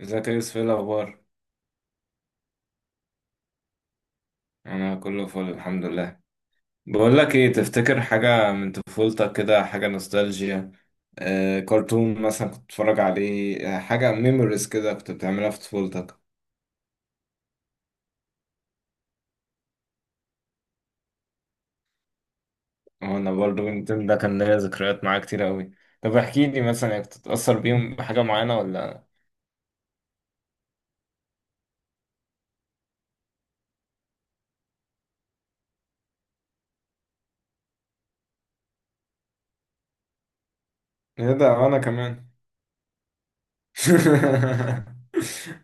ازيك يا يوسف؟ ايه الاخبار؟ انا كله فل الحمد لله. بقول لك ايه، تفتكر حاجه من طفولتك كده، حاجه نوستالجيا؟ آه كرتون مثلا كنت بتتفرج عليه، حاجه ميموريز كده كنت بتعملها في طفولتك؟ وانا برضو يمكن ده كان ليا ذكريات معاه كتير قوي. طب احكي لي، مثلا كنت تتاثر بيهم بحاجه معينه ولا؟ ايه ده، وانا كمان!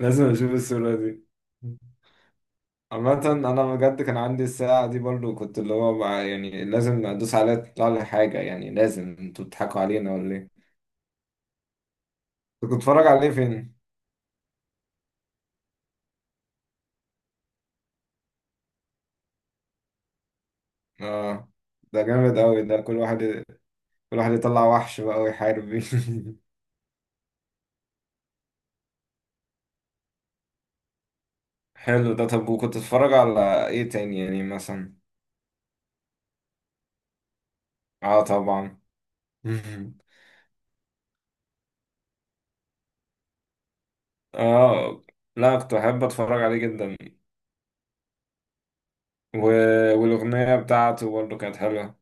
لازم اشوف الصوره دي. عامة أنا بجد كان عندي الساعة دي برضو، كنت اللي هو بقى يعني لازم أدوس عليها تطلع لي حاجة، يعني لازم. أنتوا بتضحكوا علينا ولا إيه؟ كنت بتتفرج عليه فين؟ آه، ده جامد أوي، ده كل واحد كل واحد يطلع وحش بقى ويحارب بيه. حلو ده. طب وكنت بتتفرج على إيه تاني يعني مثلا؟ آه طبعا. آه، لا كنت بحب أتفرج عليه جدا. و... والأغنية بتاعته برضو كانت حلوة.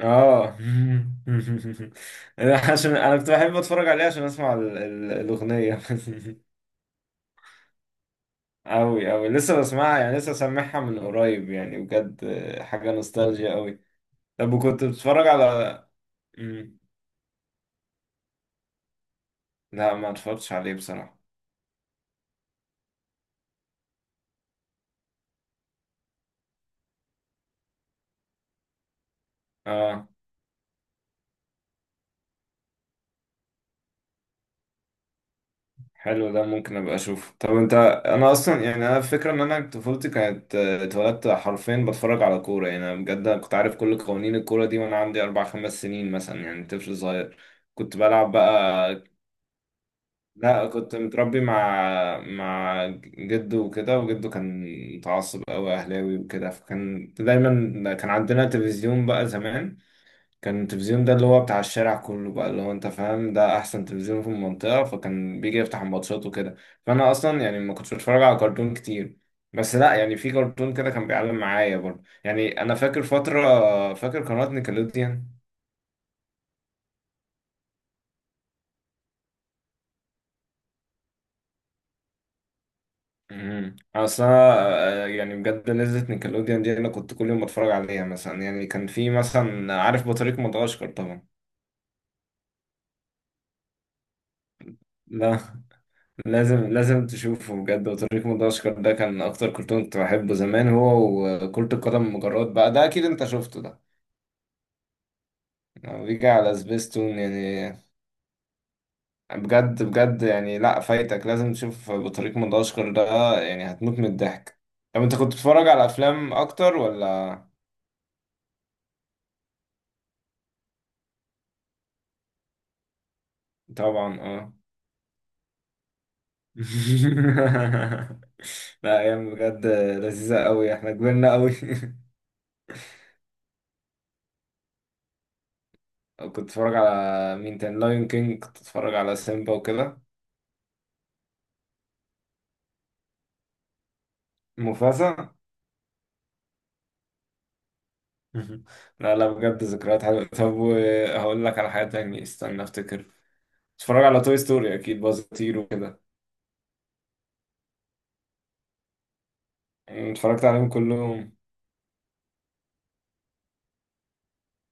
اه انا عشان انا كنت بحب اتفرج عليه عشان اسمع الاغنيه. أوي أوي، لسه بسمعها، يعني لسه سامعها من قريب يعني بجد. حاجة نوستالجيا أوي. طب وكنت بتتفرج على مم. لا ما اتفرجتش عليه بصراحة. اه، حلو ده، ممكن أبقى أشوفه. طب أنت، أنا أصلا يعني أنا الفكرة إن أنا طفولتي كانت، اتولدت حرفيا بتفرج على كورة، يعني أنا بجد أنا كنت عارف كل قوانين الكورة دي وأنا عندي أربع خمس سنين مثلا، يعني طفل صغير. كنت بلعب بقى. لا كنت متربي مع مع جده وكده، وجده كان متعصب قوي اهلاوي وكده، فكان دايما كان عندنا تلفزيون بقى زمان. كان التلفزيون ده اللي هو بتاع الشارع كله بقى، اللي هو انت فاهم ده احسن تلفزيون في المنطقة، فكان بيجي يفتح الماتشات وكده. فانا اصلا يعني ما كنتش بتفرج على كرتون كتير. بس لا يعني في كرتون كده كان بيعلم معايا برضه، يعني انا فاكر فترة، فاكر قناة نيكلوديان. اصل انا، يعني بجد لذة نيكلوديان دي انا كنت كل يوم بتفرج عليها مثلا، يعني كان في مثلا، عارف بطريق مدغشقر طبعا؟ لا لازم لازم تشوفه بجد، بطريق مدغشقر ده كان اكتر كرتون كنت بحبه زمان هو، وكرة القدم مجرات بقى ده اكيد انت شفته ده، لما بيجي على سبيستون يعني. بجد بجد يعني، لا فايتك، لازم تشوف بطريق مدغشقر ده، يعني هتموت من الضحك. طب انت كنت بتتفرج على افلام اكتر ولا؟ طبعا اه. لا، ايام بجد لذيذه قوي، احنا كبرنا قوي. كنت اتفرج على مين تاني؟ لايون كينج، كنت اتفرج على سيمبا وكده. مفاسا لا لا بجد ذكريات حلوه. طب هقول لك على حاجه تانية، استنى افتكر. اتفرج على توي ستوري اكيد، بازطير وكده. يعني اتفرجت عليهم كلهم.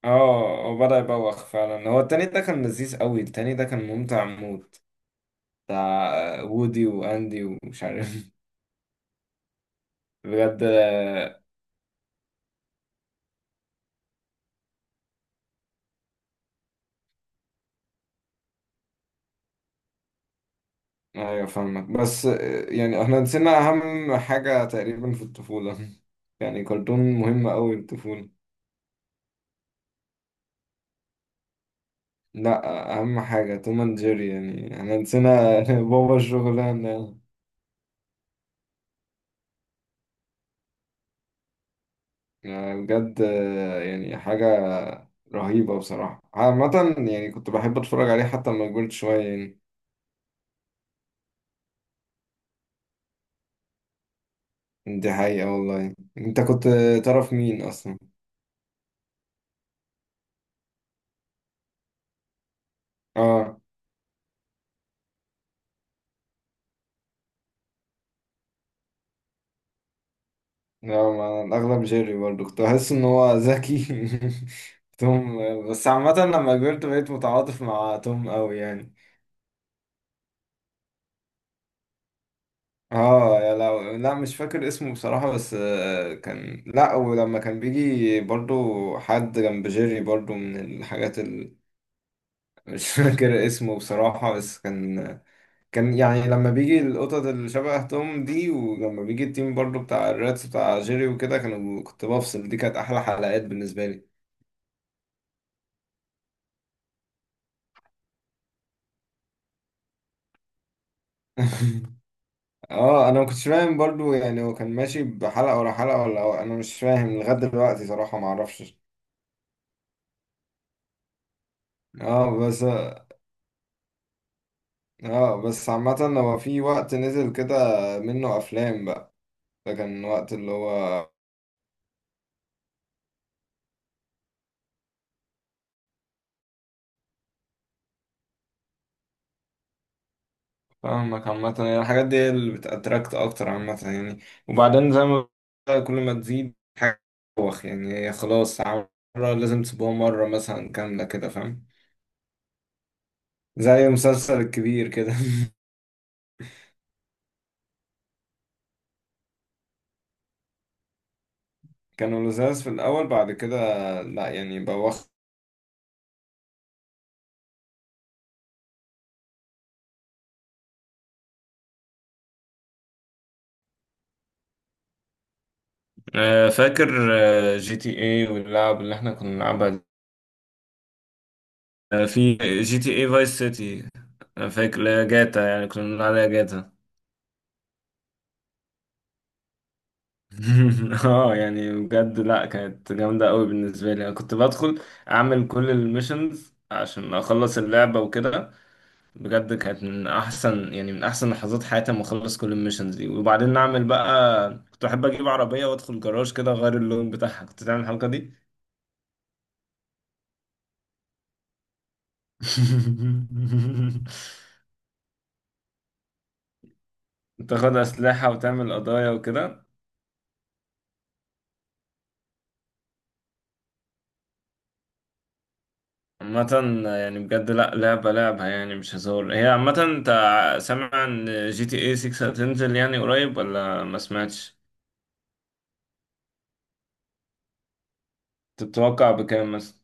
اه، هو بدأ يبوخ فعلا، هو التاني ده كان لذيذ قوي، التاني ده كان ممتع موت، بتاع وودي واندي ومش عارف. بجد. ايوه فاهمك، بس يعني احنا نسينا اهم حاجة تقريبا في الطفولة. يعني كرتون مهم قوي الطفولة. لا، اهم حاجة توم اند جيري، يعني احنا نسينا بابا الشغلانة. يعني بجد، يعني حاجة رهيبة بصراحة عامة، يعني كنت بحب اتفرج عليه حتى لما كبرت شوية يعني. دي حقيقة والله. انت كنت تعرف مين اصلا؟ اه. لا، ما الأغلب جيري، برضه كنت بحس إن هو ذكي. توم. بس عامة لما كبرت بقيت متعاطف مع توم أوي يعني. اه يا لو، لا مش فاكر اسمه بصراحة، بس كان، لا ولما كان بيجي برضو حد جنب جيري برضو من الحاجات ال... مش فاكر اسمه بصراحة، بس كان، كان يعني لما بيجي القطط اللي شبه توم دي، ولما بيجي التيم برضو بتاع الراتس بتاع جيري وكده، كانوا، كنت بفصل، دي كانت أحلى حلقات بالنسبة لي. اه انا ما كنتش فاهم برضو يعني، هو كان ماشي بحلقة ورا حلقة ولا هو-، انا مش فاهم لغاية دلوقتي صراحة ما اعرفش. اه بس، اه بس عامة هو في وقت نزل كده منه افلام بقى، ده كان وقت اللي هو، فاهمك. عامة يعني الحاجات دي هي اللي بتأتراكت اكتر عامة يعني. وبعدين زي ما بقول، كل ما تزيد حاجة بتبوخ يعني، هي خلاص مرة لازم تسيبوها مرة مثلا كاملة كده، فاهم؟ زي المسلسل الكبير كده. كانوا لزاز في الأول، بعد كده لا، يعني بوخ. فاكر جي تي اي واللعب اللي احنا كنا بنلعبها دي؟ في جي تي اي فايس سيتي، انا فاكر، لا جاتا، يعني كنا بنلعب عليها جاتا. اه يعني بجد، لا كانت جامدة قوي بالنسبة لي، انا كنت بدخل اعمل كل الميشنز عشان اخلص اللعبة وكده. بجد كانت من احسن يعني، من احسن لحظات حياتي لما اخلص كل الميشنز دي. وبعدين نعمل بقى، كنت احب اجيب عربية وادخل جراج كده اغير اللون بتاعها، كنت تعمل الحركة دي. تاخد أسلحة وتعمل قضايا وكده. عامة يعني بجد، لأ لعبة لعبة يعني مش هزار هي. عامة أنت سامع إن جي تي اي 6 هتنزل يعني قريب ولا ما سمعتش؟ تتوقع بكام مثلا؟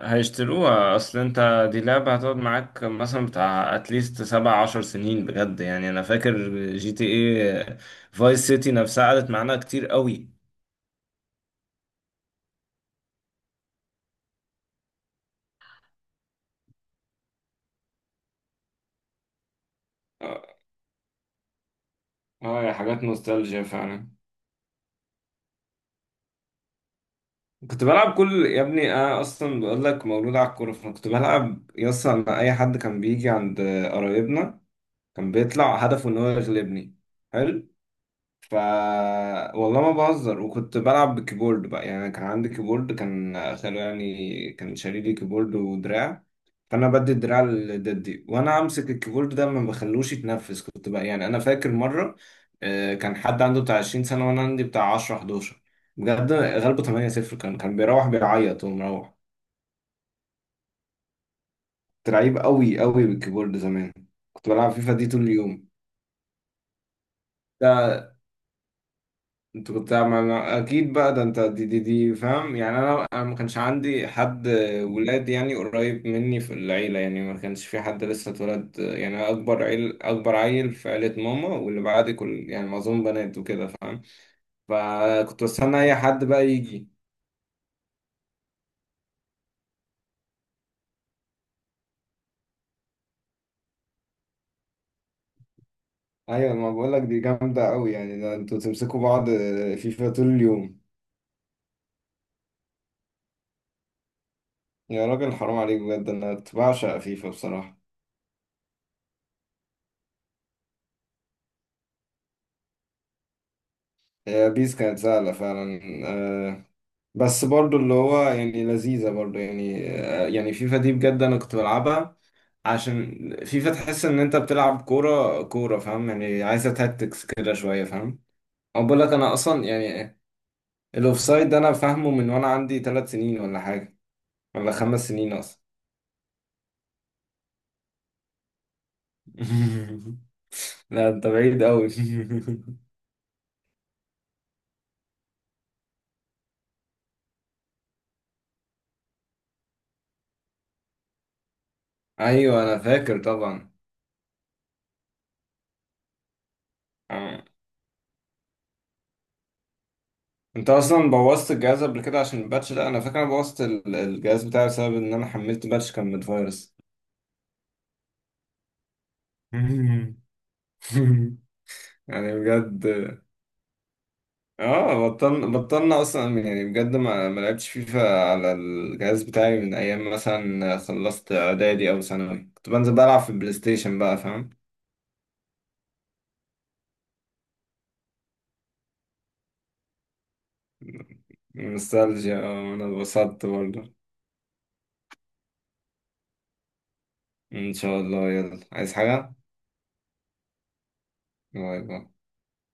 هيشتروها، أصل أنت دي لعبة هتقعد معاك مثلا بتاع أتليست 17 سنين بجد، يعني أنا فاكر جي تي اي فايس سيتي نفسها قعدت معانا كتير قوي. اه، يا حاجات نوستالجيا فعلا. كنت بلعب كل، يا ابني انا اصلا بقول لك مولود على الكوره، فانا كنت بلعب يصل مع اي حد كان بيجي عند قرايبنا، كان بيطلع هدفه ان هو يغلبني. حلو. ف والله ما بهزر، وكنت بلعب بالكيبورد بقى، يعني كان عندي كيبورد كان خلو، يعني كان شاري لي كيبورد ودراع، فانا بدي الدراع لددي وانا امسك الكيبورد ده، ما بخلوش يتنفس كنت بقى. يعني انا فاكر مره، كان حد عنده بتاع 20 سنه وانا عندي بتاع 10 11، بجد غلبه 8-0، كان كان بيروح بيعيط ومروح. كنت لعيب قوي قوي بالكيبورد زمان، كنت بلعب فيفا دي طول اليوم. ده انت كنت عمل... اكيد بقى ده انت دي فاهم يعني، انا انا ما كانش عندي حد ولاد يعني قريب مني في العيله، يعني ما كانش في حد لسه اتولد، يعني أنا اكبر عيل، اكبر عيل في عيله ماما، واللي بعدي كل يعني معظم بنات وكده فاهم؟ فكنت بستنى اي حد بقى يجي. ايوه ما بقول لك دي جامده قوي، يعني ده انتوا تمسكوا بعض فيفا طول اليوم. يا راجل حرام عليك بجد، انا كنت بعشق فيفا بصراحه. هي بيس كانت سهله فعلا، آه، بس برضو اللي هو يعني لذيذة برضو يعني، يعني فيفا دي بجد أنا كنت بلعبها عشان فيفا تحس إن أنت بتلعب كورة كورة فاهم، يعني عايزة تاكتكس كده شوية فاهم. أو بقول لك أنا أصلا يعني الأوفسايد ده أنا فاهمه من وأنا عندي 3 سنين ولا حاجة، ولا 5 سنين أصلا. لا أنت بعيد أوي. أيوه أنا فاكر طبعا. آه. أنت أصلا بوظت الجهاز قبل كده عشان الباتش ده، أنا فاكر أنا بوظت الجهاز بتاعي بسبب إن أنا حملت باتش كان من فيروس. مم. يعني بجد، اه بطلنا، بطلنا اصلا يعني بجد، ما ما لعبتش فيفا على الجهاز بتاعي من ايام مثلا خلصت اعدادي او ثانوي، كنت بنزل بلعب في البلاي ستيشن بقى فاهم. نوستالجيا، انا اتبسطت برضه. ان شاء الله، يلا عايز حاجة؟ باي باي.